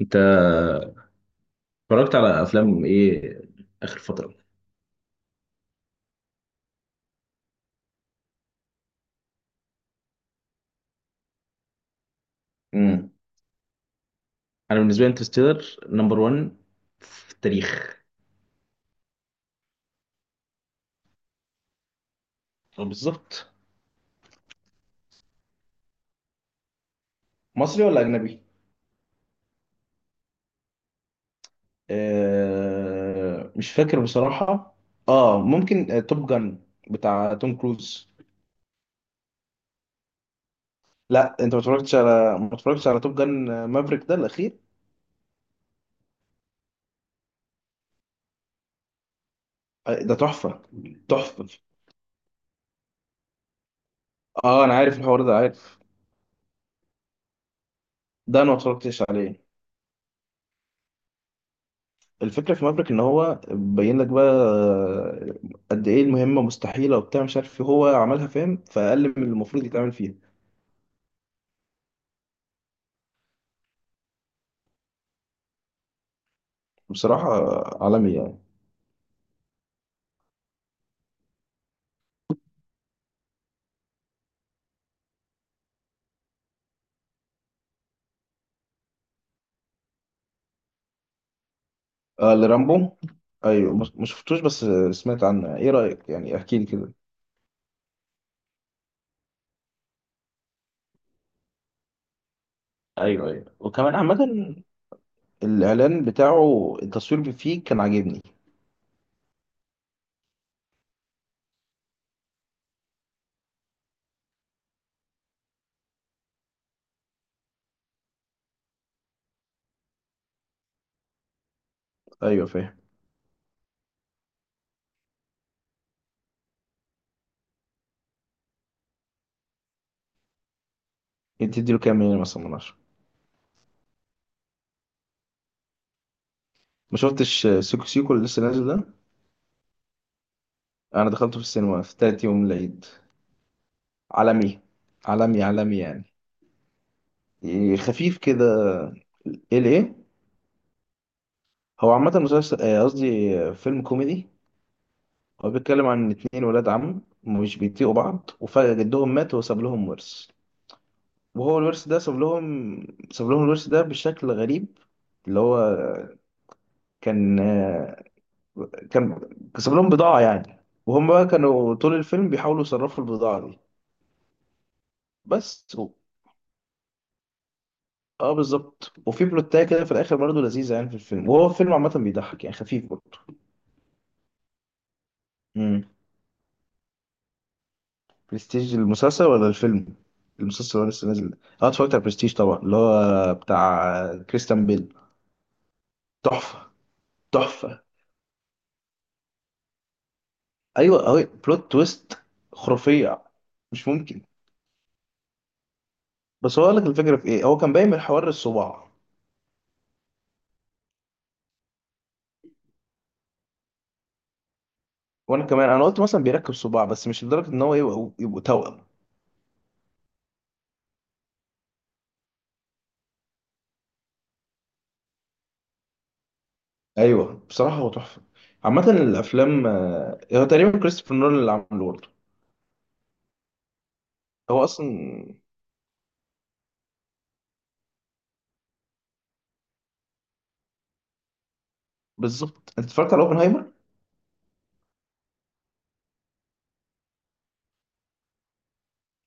انت اتفرجت على افلام ايه اخر فتره؟ امم. انا بالنسبه لي انترستيلر نمبر 1 في التاريخ. أو بالظبط. مصري ولا اجنبي؟ آه، مش فاكر بصراحه. اه، ممكن، توب جن بتاع توم كروز. لا، انت ما اتفرجتش على توب جن، مافريك ده الاخير. آه، ده تحفه. تحفه. اه، انا عارف الحوار ده، عارف. ده انا ما اتفرجتش عليه. الفكرة في مافريك إن هو بين لك بقى، قد إيه المهمة مستحيلة وبتاع مش عارف إيه، هو عملها، فاهم، فأقل من المفروض يتعمل فيها. بصراحة، عالمي يعني. آه، لرامبو. أيوه، ما شفتوش، بس سمعت عنه. إيه رأيك؟ يعني احكي لي كده. أيوه، أيوه، وكمان عامة. الإعلان بتاعه، التصوير فيه كان عاجبني. أيوه، فاهم. أنت تديله كام من 10؟ مثلا من 10. ما شفتش سيكو سيكو اللي لسه نازل ده؟ أنا دخلته في السينما في تالت يوم العيد. عالمي. عالمي، عالمي يعني. يعني خفيف كده. ايه، ليه؟ هو عامة مسلسل، قصدي، فيلم كوميدي. هو بيتكلم عن اتنين ولاد عم مش بيطيقوا بعض، وفجأة جدهم مات وساب لهم ورث. وهو الورث ده ساب لهم. ساب لهم الورث ده بشكل غريب. اللي هو كان آه، كان ساب لهم بضاعة يعني. وهم بقى كانوا طول الفيلم بيحاولوا يصرفوا البضاعة دي. بس و. اه بالظبط، وفي بلوتاية كده في الآخر برضه لذيذة، يعني في الفيلم، وهو فيلم عامة بيضحك، يعني خفيف برضه. برستيج، المسلسل ولا الفيلم؟ المسلسل هو لسه نازل. اه، اتفرجت على برستيج طبعا، اللي هو بتاع كريستيان بيل. تحفة. تحفة. ايوه، اهو بلوت تويست. خرافية. مش ممكن. بس هو قال لك الفكرة في ايه. هو كان باين من حوار الصباع. وانا كمان، انا قلت مثلا بيركب صباع، بس مش لدرجة ان هو يبقوا توأم. ايوه، بصراحة هو تحفة. عامة الافلام، هو تقريبا كريستوفر نولان اللي عامله برضه. هو اصلا. بالظبط. انت اتفرجت على اوبنهايمر؟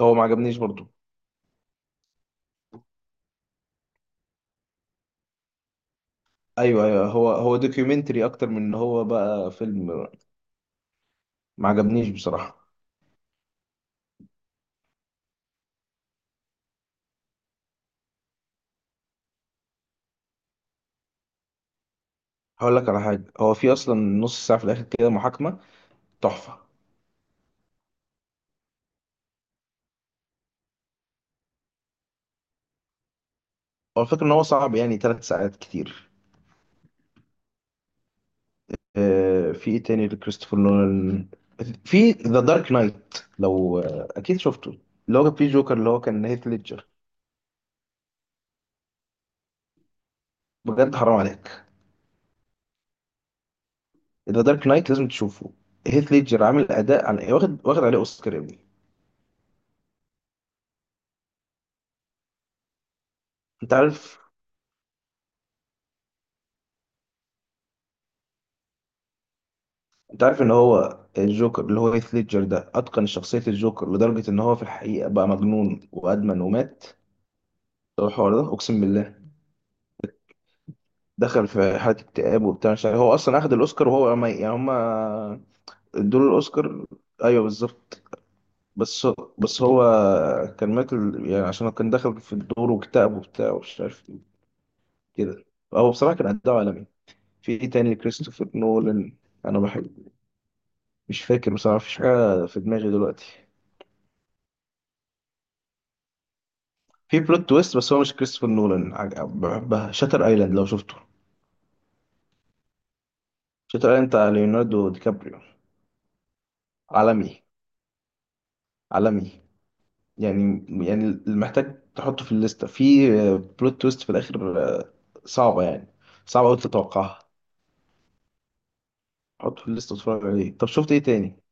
هو ما عجبنيش برضه. ايوه، ايوه، هو دوكيومنتري اكتر من ان هو بقى فيلم. ما عجبنيش بصراحه. هقول لك على حاجه، هو في اصلا نص ساعه في الاخر كده محاكمه. تحفه. هو الفكره ان هو صعب، يعني 3 ساعات كتير. آه، في ايه تاني لكريستوفر نولان؟ في ذا دارك نايت، لو اكيد شفته. اللي هو كان فيه جوكر، اللي هو كان هيث ليدجر. بجد حرام عليك. ذا دارك نايت لازم تشوفه. هيث ليدجر عامل اداء، عن، واخد عليه اوسكار يا ابني. انت عارف. انت عارف ان هو الجوكر اللي هو هيث ليدجر ده اتقن شخصية الجوكر لدرجة ان هو في الحقيقة بقى مجنون وادمن ومات. هو الحوار ده اقسم بالله. دخل في حالة اكتئاب وبتاع مش عارف. هو اصلا اخد الاوسكار، وهو ما، يعني هما ادوله الاوسكار. ايوه، بالظبط. بس هو كان مات يعني عشان هو كان دخل في الدور واكتئب وبتاع ومش عارف ايه. كده. هو بصراحة كان اداء عالمي. في ايه تاني كريستوفر نولان؟ انا بحب. مش فاكر بصراحة، مفيش حاجة في دماغي دلوقتي. في بلوت تويست بس هو مش كريستوفر نولان، بحبها، شاتر ايلاند، لو شفته. شاتر ايلاند بتاع ليوناردو دي كابريو. عالمي. عالمي. يعني المحتاج تحطه في الليسته في. بلوت تويست في الاخر، صعبه يعني، صعبه قوي تتوقعها. حطه في الليسته واتفرج عليه. طب شفت ايه تاني؟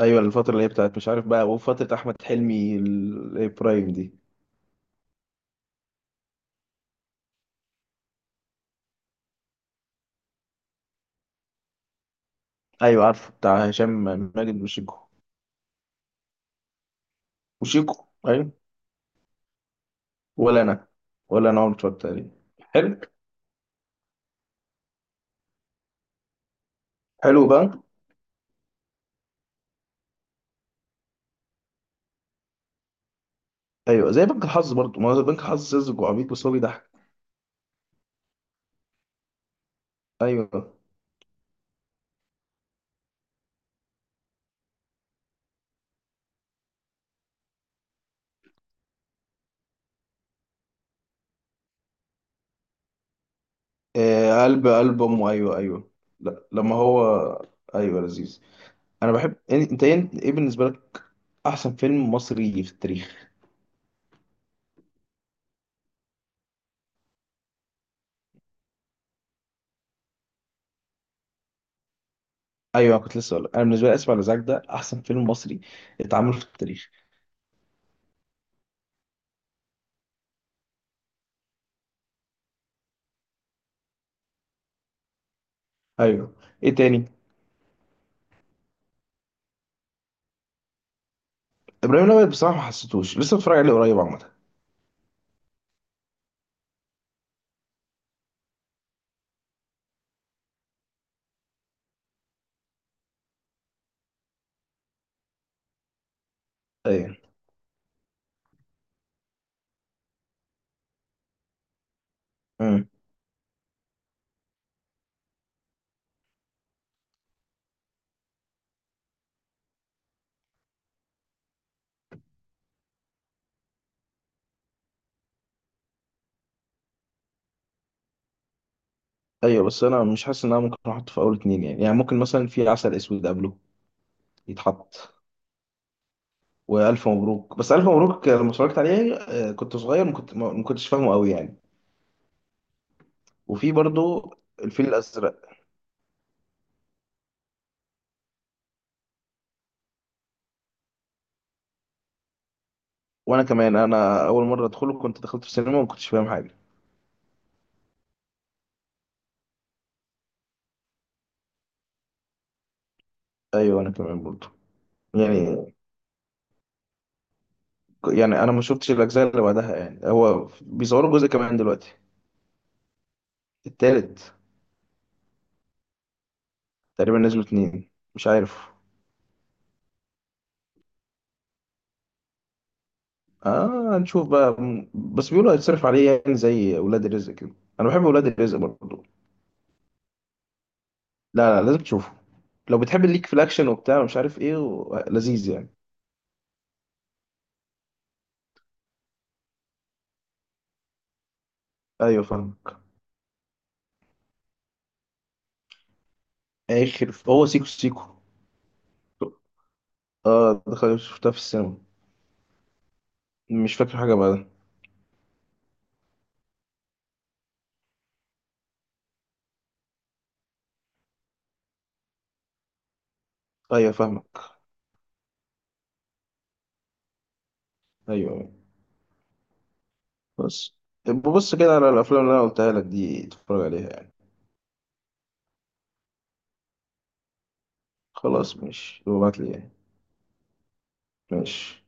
ايوه، الفتره اللي هي بتاعت مش عارف بقى، وفتره احمد حلمي البرايم دي. ايوه، عارفه، بتاع هشام ماجد وشيكو. وشيكو، ايوه. ولا انا. ولا انا عمري اتفرجت عليه. حلو. حلو بقى. ايوه، زي بنك الحظ برضه، ما هو بنك الحظ ساذج وعبيط بس هو بيضحك. ايوه. آه، قلب امه، ايوه، ايوه. لا، لما هو. ايوه، لذيذ. انا بحب انت ايه؟ إيه بالنسبه لك احسن فيلم مصري في التاريخ؟ ايوه، كنت لسه اقول، انا بالنسبه لي اسف على الازعاج ده احسن فيلم مصري اتعمل في التاريخ. ايوه. ايه تاني؟ ابراهيم الابيض بصراحه ما حسيتوش، لسه بتفرج عليه قريب عامه. ايوه. امم. ايوه، بس انا مش حاسس ان انا ممكن احطه في اول اتنين، يعني ممكن مثلا في عسل اسود قبله يتحط. والف مبروك، بس الف مبروك لما اتفرجت عليه كنت صغير، ما كنتش فاهمه قوي يعني. وفي برضو الفيل الازرق. وانا كمان، انا اول مره ادخله كنت دخلت في السينما وما كنتش فاهم حاجه. ايوه، انا كمان برضو. يعني، يعني انا ما شفتش الاجزاء اللي بعدها، يعني هو بيصوروا جزء كمان دلوقتي. التالت. تقريبا نزلوا اتنين، مش عارف. اه، هنشوف بقى بس بيقولوا هيتصرف عليه يعني زي ولاد الرزق كده. انا بحب ولاد الرزق برضو. لا، لا، لازم تشوفه. لو بتحب الليك في الاكشن وبتاع مش عارف ايه و، لذيذ يعني. ايوه، فاهمك. اخر هو سيكو سيكو. اه، دخل شفتها في السينما. مش فاكر حاجه بعدها. ايوه، فاهمك. ايوه، أيوة. بس ببص كده على الافلام اللي انا قلتها لك دي، اتفرج عليها يعني. خلاص ماشي، ابعت لي يعني. ماشي.